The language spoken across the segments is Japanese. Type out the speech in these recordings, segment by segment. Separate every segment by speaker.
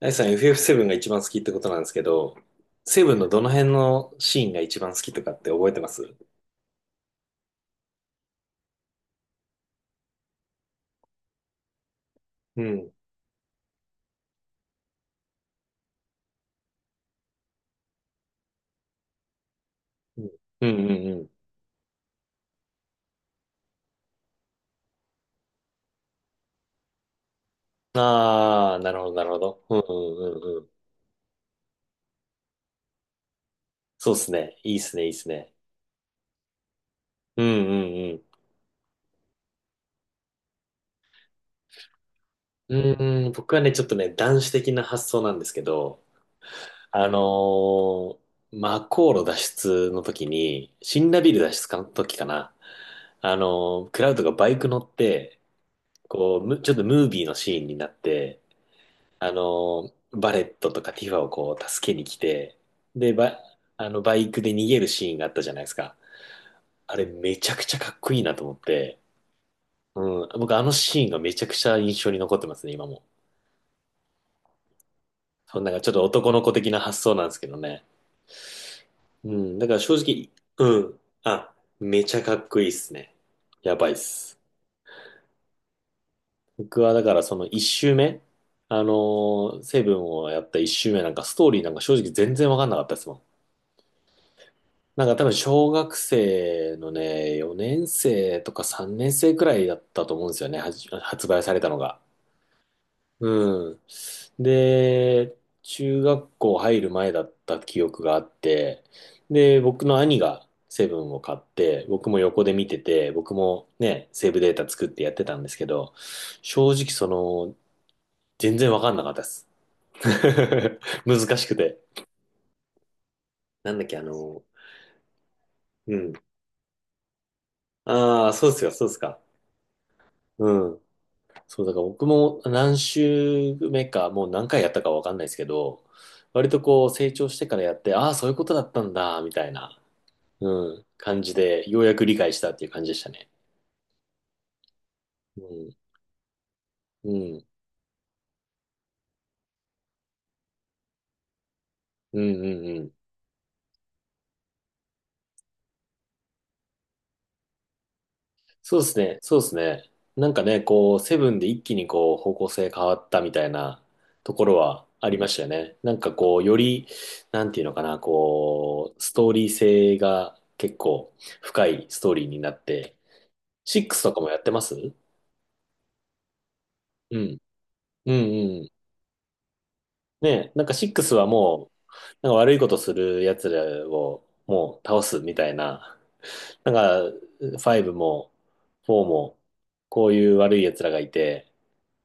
Speaker 1: あイさん FF7 が一番好きってことなんですけど、7のどの辺のシーンが一番好きとかって覚えてます？うん。うん。うんうんうん。ああ、なるほど、なるほど。うんうんうんうん。そうっすね。いいっすね、いいっすね。うんうんうん。うーん、僕はね、ちょっとね、男子的な発想なんですけど、あのマコー路脱出の時に、シンラビル脱出の時かな。クラウドがバイク乗って、こう、ちょっとムービーのシーンになって、バレットとかティファをこう助けに来て、で、ば、あの、バイクで逃げるシーンがあったじゃないですか。あれめちゃくちゃかっこいいなと思って、うん、僕あのシーンがめちゃくちゃ印象に残ってますね、今も。そんなんかちょっと男の子的な発想なんですけどね。うん、だから正直、うん、あ、めちゃかっこいいっすね。やばいっす。僕はだからその一周目、あのセブンをやった一周目なんかストーリーなんか正直全然わかんなかったですもん。なんか多分小学生のね、4年生とか3年生くらいだったと思うんですよね、発売されたのが。うん。で、中学校入る前だった記憶があって、で、僕の兄がセブンを買って、僕も横で見てて、僕もね、セーブデータ作ってやってたんですけど、正直その、全然わかんなかったです。難しくて。なんだっけ、うん。ああ、そうっすか、そうっすか。うん。そう、だから僕も何週目か、もう何回やったかわかんないですけど、割とこう成長してからやって、ああー、そういうことだったんだ、みたいな、うん、感じで、ようやく理解したっていう感じでしたね。うん、うん、うん、うんうん。そうですね、そうですね。なんかね、こう、セブンで一気にこう、方向性変わったみたいなところはありましたよね。なんかこう、より、なんていうのかな、こう、ストーリー性が結構深いストーリーになって、シックスとかもやってます？うん。うんうん。ね、なんかシックスはもう、なんか悪いことする奴らをもう倒すみたいな。なんか、ファイブも、フォーも、こういう悪い奴らがいて、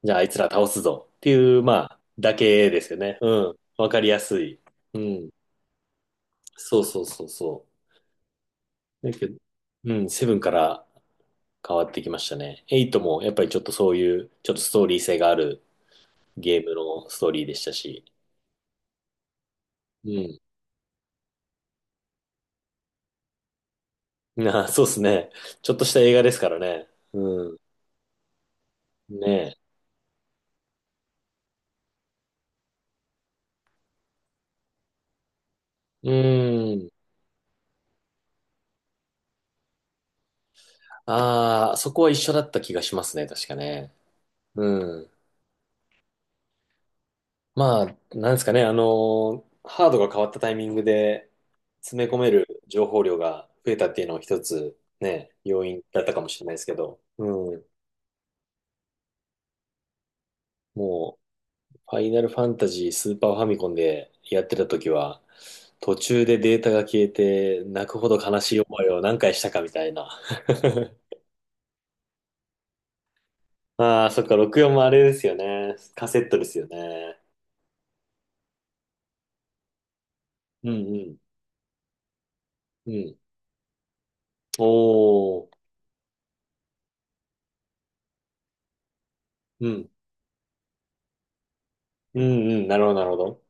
Speaker 1: じゃああいつら倒すぞっていう、まあ、だけですよね。うん。わかりやすい。うん。そうそうそうそう。だけど、うん、セブンから変わってきましたね。エイトもやっぱりちょっとそういう、ちょっとストーリー性があるゲームのストーリーでしたし。うん。あ、そうですね。ちょっとした映画ですからね。うん。ねえ。うん。ああ、そこは一緒だった気がしますね、確かね。うん。まあ、なんですかね、ハードが変わったタイミングで詰め込める情報量が増えたっていうのは一つね、要因だったかもしれないですけど。うん。もう、ファイナルファンタジースーパーファミコンでやってた時は、途中でデータが消えて泣くほど悲しい思いを何回したかみたいな。ああ、そっか、64もあれですよね。カセットですよね。うんうん。うん。おー。うん。うんうん。なるほど、なるほど。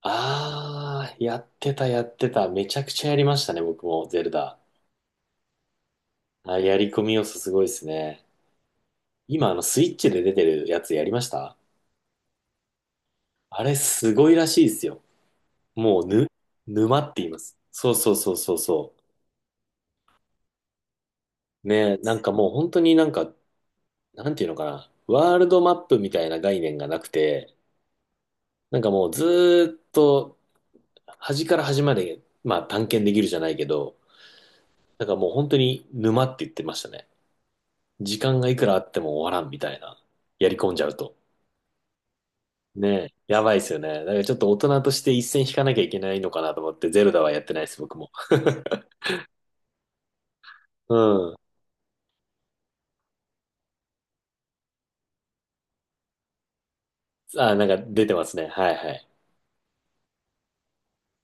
Speaker 1: ああ、やってた、やってた。めちゃくちゃやりましたね、僕も、ゼルダ。あやり込み要素すごいですね。今、スイッチで出てるやつやりました？あれ、すごいらしいですよ。もう、沼って言います。そうそうそうそうそう。ね、なんかもう本当になんか、なんていうのかな。ワールドマップみたいな概念がなくて、なんかもうずーっと端から端まで、まあ探検できるじゃないけど、なんかもう本当に沼って言ってましたね。時間がいくらあっても終わらんみたいな。やり込んじゃうと。ねえ、やばいですよね。だからちょっと大人として一線引かなきゃいけないのかなと思って、ゼルダはやってないです、僕も。うん。あ、なんか出てますね。はいはい。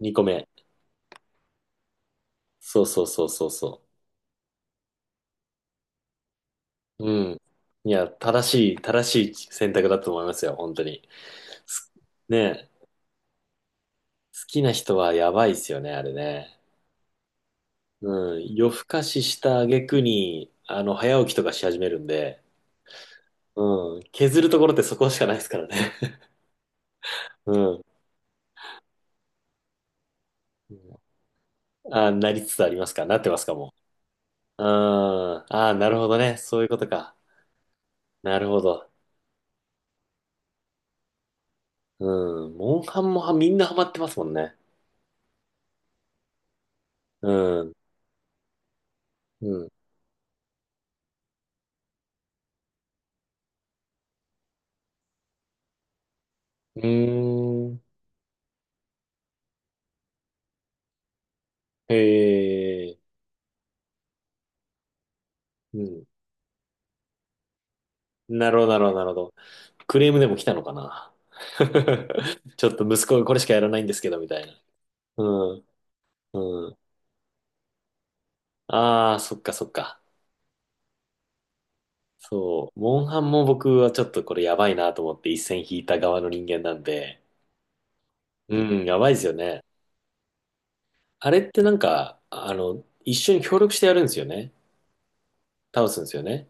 Speaker 1: 2個目。そうそうそうそうそう。うん。いや、正しい、正しい選択だと思いますよ、本当に。すねえ、好きな人はやばいですよね、あれね。うん、夜更かしした挙句に、早起きとかし始めるんで、うん、削るところってそこしかないですからね。うん。あ、なりつつありますかなってますかもう？うん。ああ、なるほどね。そういうことか。なるほど。うん。モンハンもはみんなハマってますもんね。うん。うん。うーん。へえ。うん。なるほど、なるほど、なるほど。クレームでも来たのかな。ちょっと息子がこれしかやらないんですけど、みたいな。うん。うん。ああ、そっかそっか。そう。モンハンも僕はちょっとこれやばいなと思って一線引いた側の人間なんで。うん、やばいですよね。あれってなんか、一緒に協力してやるんですよね。倒すんですよね。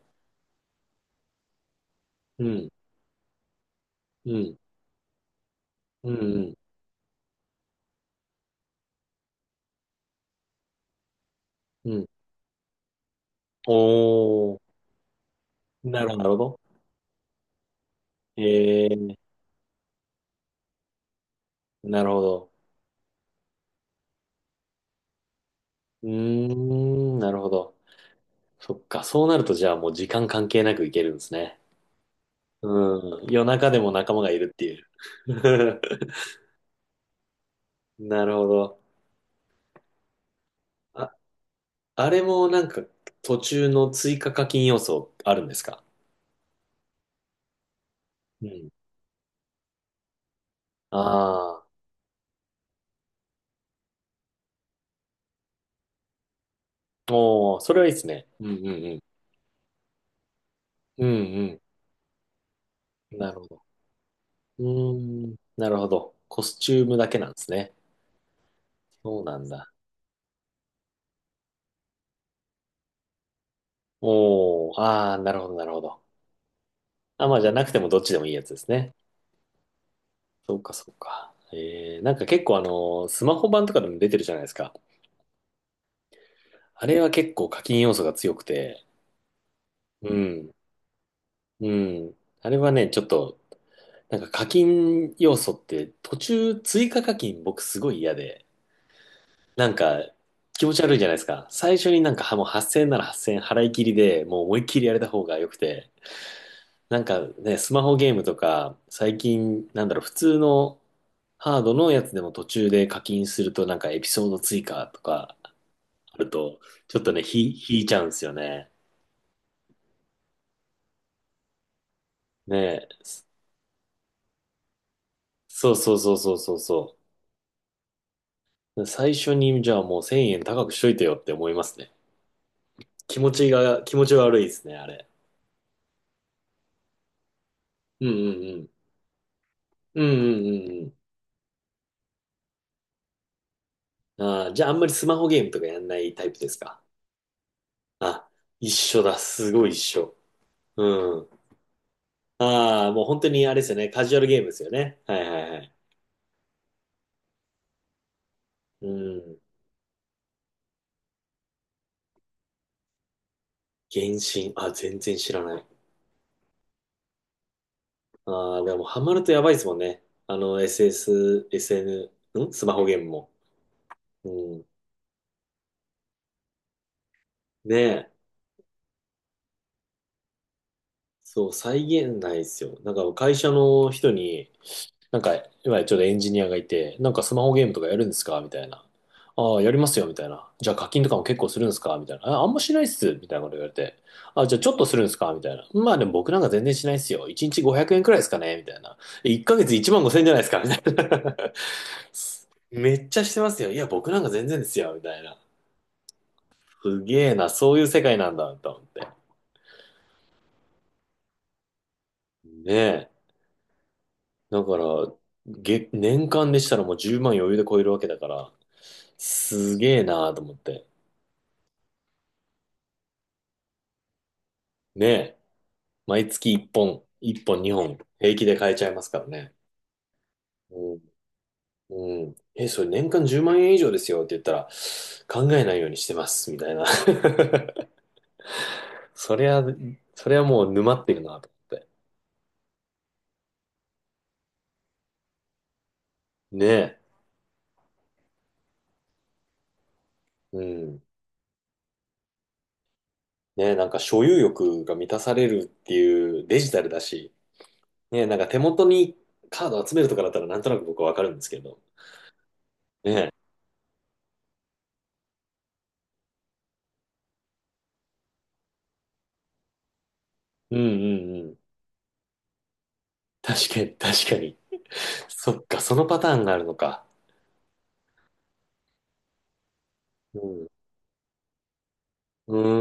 Speaker 1: うん、うん、うん、うん、うん。おー、なるほど、なるほど。えー、なるほど。うーん、なるほど。そっか、そうなるとじゃあもう時間関係なくいけるんですね。うん、夜中でも仲間がいるっていう。なるほど。ああれもなんか途中の追加課金要素あるんですか？うん。ああ、おー、それはいいですね。うんうんうん。うんうん。なるほど。うーん、なるほど。コスチュームだけなんですね。そうなんだ。おー、ああ、なるほどなるほど。あ、まあじゃなくてもどっちでもいいやつですね。そうかそうか。えー、なんか結構スマホ版とかでも出てるじゃないですか。あれは結構課金要素が強くて、うん、うん。あれはね、ちょっとなんか課金要素って途中追加課金僕すごい嫌で、なんか気持ち悪いじゃないですか。最初になんかはもう8000円なら8000円払い切りでもう思いっきりやれた方が良くて、なんかね、スマホゲームとか最近なんだろう、普通のハードのやつでも途中で課金するとなんかエピソード追加とかあると、ちょっとね、引いちゃうんですよね。ねえ、そうそうそうそうそうそう。最初にじゃあもう1000円高くしといてよって思いますね。気持ち悪いですね、あれ。うんうんうん。うんうんうんうん。ああ、じゃああんまりスマホゲームとかやんないタイプですか？あ、一緒だ。すごい一緒。うん。ああ、もう本当にあれですよね。カジュアルゲームですよね。はいはいはい。うん。原神。あ、全然知らない。ああ、でもハマるとやばいですもんね。あの、SS、SN、スマホゲームも。うん。ねえ。そう、再現ないですよ。なんか会社の人に、なんか、今ちょうどエンジニアがいて、なんかスマホゲームとかやるんですかみたいな。ああ、やりますよ、みたいな。じゃあ課金とかも結構するんですかみたいな。あ、あんましないっす、みたいなこと言われて。あ、じゃあちょっとするんですかみたいな。まあでも僕なんか全然しないっすよ。1日500円くえんくらいですかねみたいな。1ヶ月1万5千円じゃないですかみたいな。めっちゃしてますよ。いや、僕なんか全然ですよ、みたいな。すげえな、そういう世界なんだ、と思って。ねえ。だから、年間でしたらもう10万余裕で超えるわけだから、すげえなーと思って。ねえ、毎月1本、1本2本、平気で買えちゃいますからね。うん。うん。え、それ年間10万円以上ですよって言ったら、考えないようにしてます、みたいな。そりゃ、そりゃもう沼ってるなと思って。ねえ。うん。ねえ、なんか所有欲が満たされるっていうデジタルだし、ねえ、なんか手元にカード集めるとかだったらなんとなく僕はわかるんですけど、ねえ。うんうんうん。確かに、確かに。そっか、そのパターンがあるのか。うん。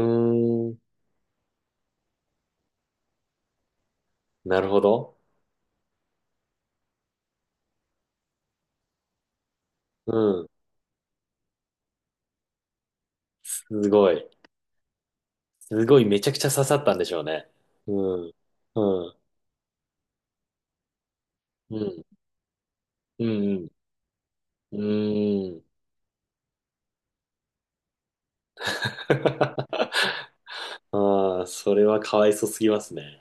Speaker 1: うーん。なるほど。うん。すごい。すごい、めちゃくちゃ刺さったんでしょうね。うん。うん。うん。うん。うん。うーん。ああ、それはかわいそすぎますね。